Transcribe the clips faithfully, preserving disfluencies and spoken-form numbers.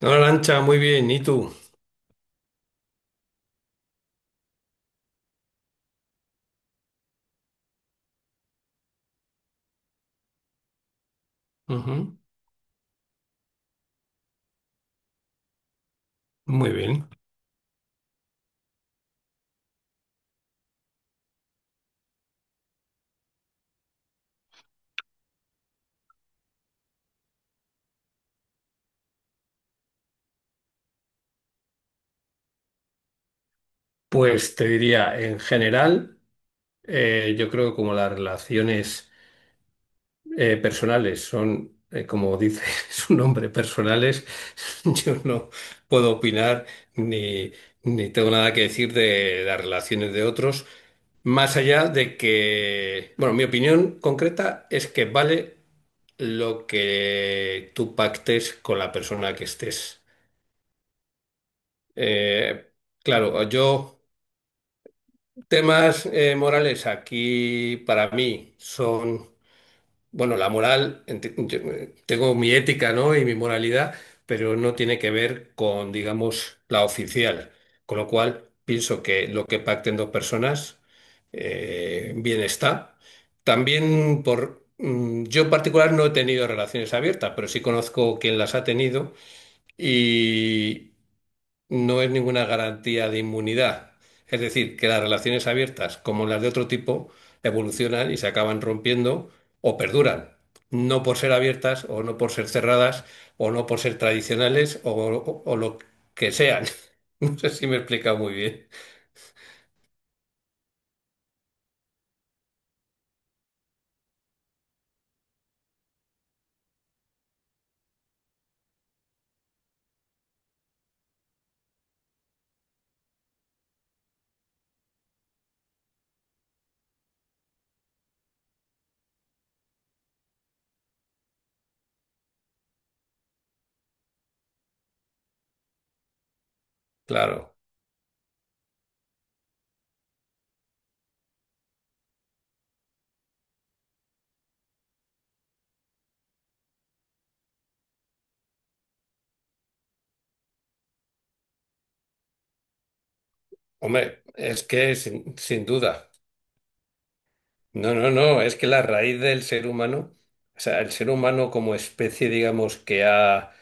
Hola, Lancha, muy bien. ¿Y tú? Ujú. Muy bien. Pues te diría, en general, eh, yo creo que como las relaciones eh, personales son, eh, como dice su nombre, personales, yo no puedo opinar ni, ni tengo nada que decir de las relaciones de otros, más allá de que, bueno, mi opinión concreta es que vale lo que tú pactes con la persona que estés. Eh, claro, yo temas eh, morales aquí para mí son, bueno, la moral, enti- yo, eh, tengo mi ética, ¿no? Y mi moralidad, pero no tiene que ver con, digamos, la oficial. Con lo cual, pienso que lo que pacten dos personas, eh, bien está. También por, mm, yo en particular no he tenido relaciones abiertas, pero sí conozco quien las ha tenido. Y no es ninguna garantía de inmunidad. Es decir, que las relaciones abiertas, como las de otro tipo, evolucionan y se acaban rompiendo o perduran. No por ser abiertas o no por ser cerradas o no por ser tradicionales o, o- o lo que sean. No sé si me he explicado muy bien. Claro. Hombre, es que sin, sin duda. No, no, no. Es que la raíz del ser humano, o sea, el ser humano como especie, digamos, que ha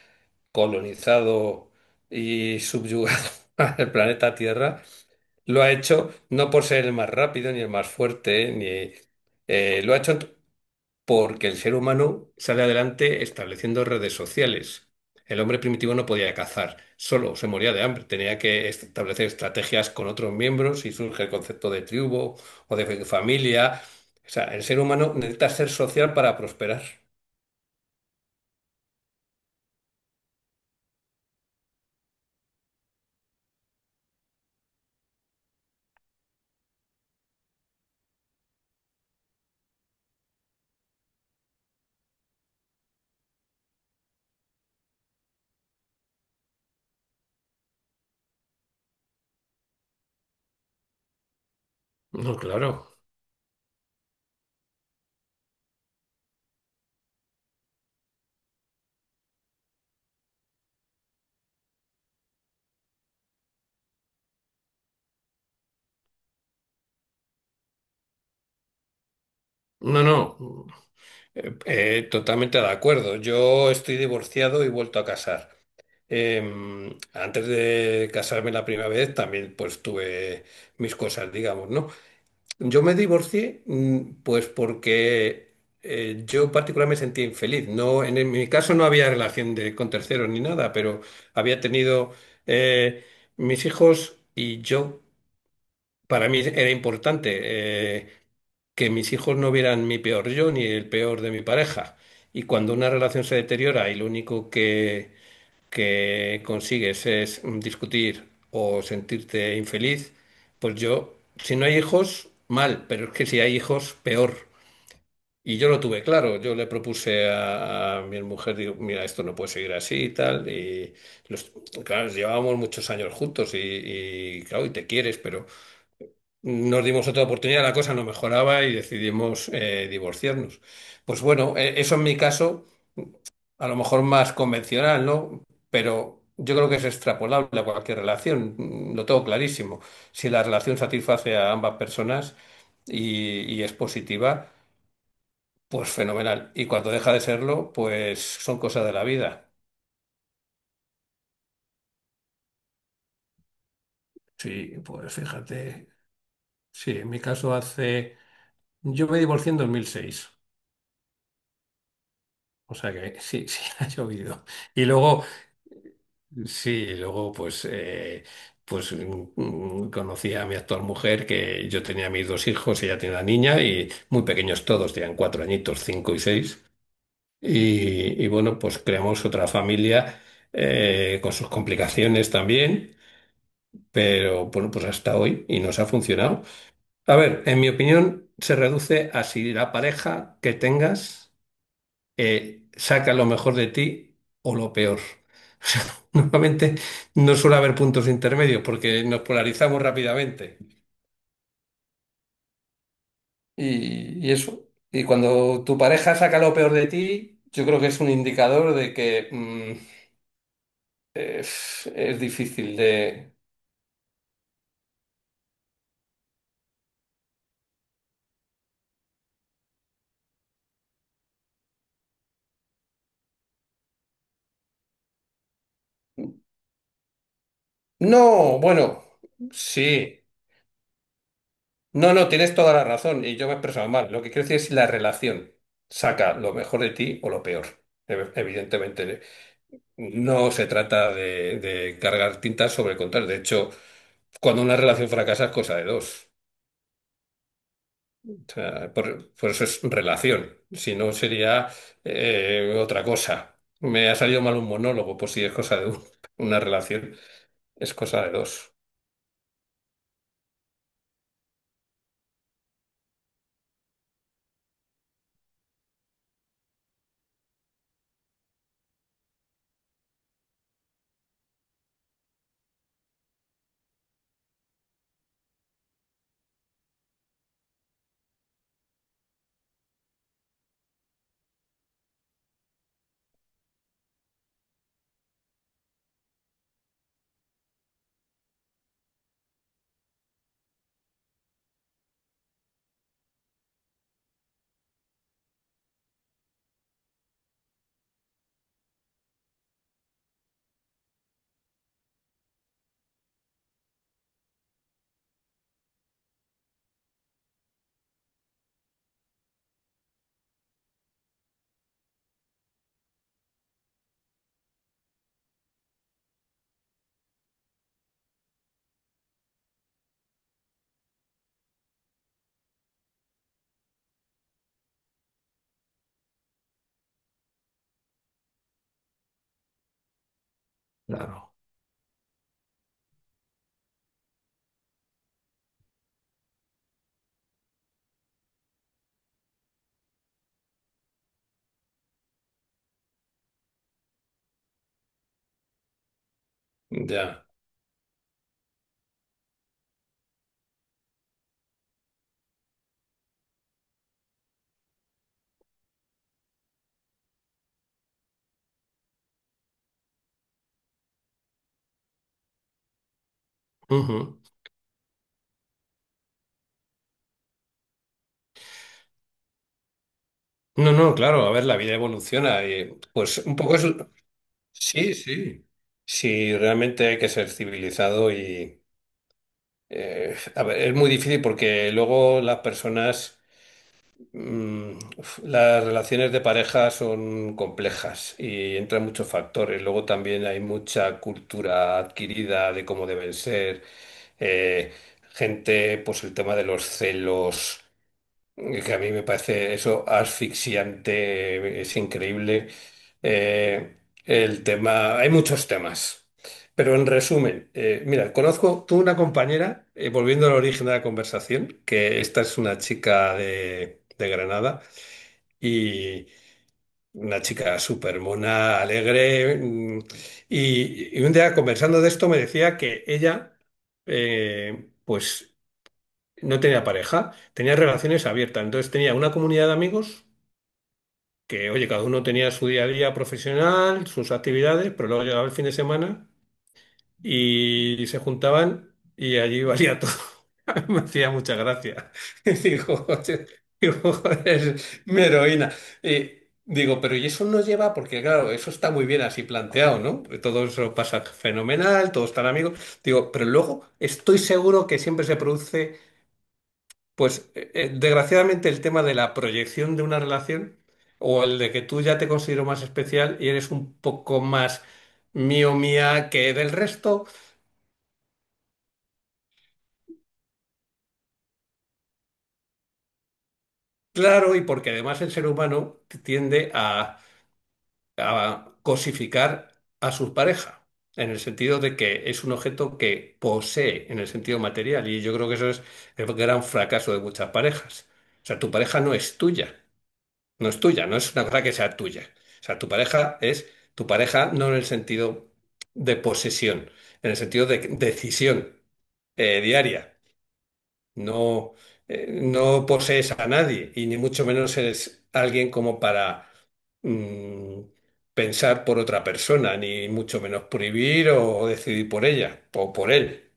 colonizado y subyugado al planeta Tierra, lo ha hecho no por ser el más rápido ni el más fuerte, ni eh, lo ha hecho porque el ser humano sale adelante estableciendo redes sociales. El hombre primitivo no podía cazar, solo se moría de hambre, tenía que establecer estrategias con otros miembros y surge el concepto de tribu o de familia. O sea, el ser humano necesita ser social para prosperar. No, claro. No, no. Eh, eh, totalmente de acuerdo. Yo estoy divorciado y vuelto a casar. Em, antes de casarme la primera vez también pues tuve mis cosas, digamos, ¿no? Yo me divorcié mm, pues porque eh, yo en particular me sentía infeliz. No, en, en mi caso no había relación de- con terceros ni nada, pero había tenido eh, mis hijos y yo para mí era importante eh, que mis hijos no vieran mi peor yo ni el peor de mi pareja. Y cuando una relación se deteriora y lo único que, que consigues es mm, discutir o sentirte infeliz, pues yo, si no hay hijos, mal, pero es que si hay hijos, peor. Y yo lo tuve claro, yo le propuse a, a mi mujer, digo, mira, esto no puede seguir así y tal, y los, claro, llevábamos muchos años juntos y, y claro, y te quieres, pero... Nos dimos otra oportunidad, la cosa no mejoraba y decidimos eh, divorciarnos. Pues bueno, e- eso en mi caso, a lo mejor más convencional, ¿no? Pero yo creo que es extrapolable a cualquier relación, mm, lo tengo clarísimo. Si la relación satisface a ambas personas y, y es positiva, pues fenomenal. Y cuando deja de serlo, pues son cosas de la vida. Sí, pues fíjate, sí, en mi caso hace... Yo me divorcié en dos mil seis, o sea que sí, sí, ha llovido. Y luego... Sí, y luego pues, eh, pues mm, mm, conocí a mi actual mujer, que yo tenía mis dos hijos, ella tiene una niña y muy pequeños todos, tenían cuatro añitos, cinco y seis. Y, y bueno, pues creamos otra familia eh, con sus complicaciones también, pero bueno, pues hasta hoy y nos ha funcionado. A ver, en mi opinión se reduce a si la pareja que tengas eh, saca lo mejor de ti o lo peor. O sea, normalmente no suele haber puntos intermedios porque nos polarizamos rápidamente. Y, y eso, y cuando tu pareja saca lo peor de ti, yo creo que es un indicador de que mm, es, es difícil de... No, bueno, sí. No, no, tienes toda la razón y yo me he expresado mal. Lo que quiero decir es la relación. Saca lo mejor de ti o lo peor. Ev- Evidentemente. No se trata de, de cargar tintas sobre contar. De hecho, cuando una relación fracasa es cosa de dos. O sea, por, por eso es relación. Si no, sería eh, otra cosa. Me ha salido mal un monólogo, pues si es cosa de uno. Una relación es cosa de dos. Claro. Ya. Ujú. No, no, claro, a ver, la vida evoluciona y pues un poco es... Sí, sí. Sí, realmente hay que ser civilizado. Eh, a ver, es muy difícil porque luego las personas, mm, uf, las relaciones de pareja son complejas y entran muchos factores. Luego también hay mucha cultura adquirida de cómo deben ser, eh, gente, pues el tema de los celos. Es que a mí me parece eso asfixiante, es increíble. Eh, el tema, hay muchos temas, pero en resumen, eh, mira, conozco, tuve una compañera, eh, volviendo al origen de la conversación, que esta es una chica de, de Granada y una chica súper mona, alegre, mm, y, y un día conversando de esto me decía que ella, eh, pues no tenía pareja, tenía relaciones abiertas. Entonces tenía una comunidad de amigos que, oye, cada uno tenía su día a día profesional, sus actividades, pero luego llegaba el fin de semana y se juntaban y allí valía todo. Me hacía mucha gracia. Digo, "Oye", digo, "Joder, mi heroína". Y digo, pero ¿y eso no lleva? Porque claro, eso está muy bien así planteado, ¿no? Todo eso pasa fenomenal, todos están amigos. Digo, pero luego estoy seguro que siempre se produce pues eh, eh, desgraciadamente el tema de la proyección de una relación o el de que tú ya te considero más especial y eres un poco más mío mía que del resto, claro, y porque además el ser humano tiende a, a cosificar a su pareja, en el sentido de que es un objeto que posee en el sentido material, y yo creo que eso es el gran fracaso de muchas parejas. O sea, tu pareja no es tuya. No es tuya, no es una cosa que sea tuya. O sea, tu pareja es tu pareja no en el sentido de posesión, en el sentido de decisión eh, diaria. No, eh, no posees a nadie y ni mucho menos eres alguien como para mm, pensar por otra persona, ni mucho menos prohibir o decidir por ella o por él.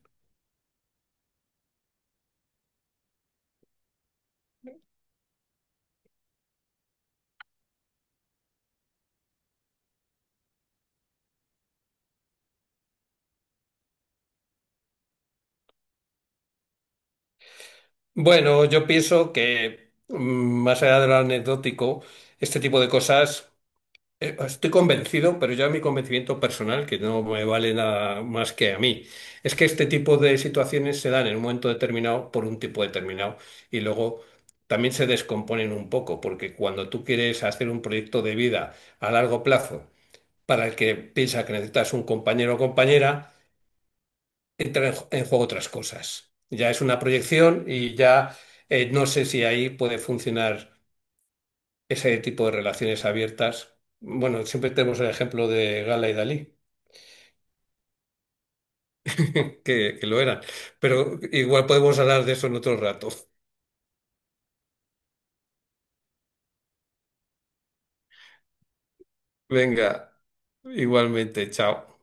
Bueno, yo pienso que mm, más allá de lo anecdótico, este tipo de cosas Eh, estoy convencido, pero ya mi convencimiento personal, que no me vale nada más que a mí, es que este tipo de situaciones se dan en un momento determinado por un tipo determinado y luego también se descomponen un poco, porque cuando tú quieres hacer un proyecto de vida a largo plazo para el que piensa que necesitas un compañero o compañera, entran en, ju- en juego otras cosas. Ya es una proyección y ya eh, no sé si ahí puede funcionar ese tipo de relaciones abiertas. Bueno, siempre tenemos el ejemplo de Gala y Dalí, que, que lo eran, pero igual podemos hablar de eso en otro rato. Venga, igualmente, chao.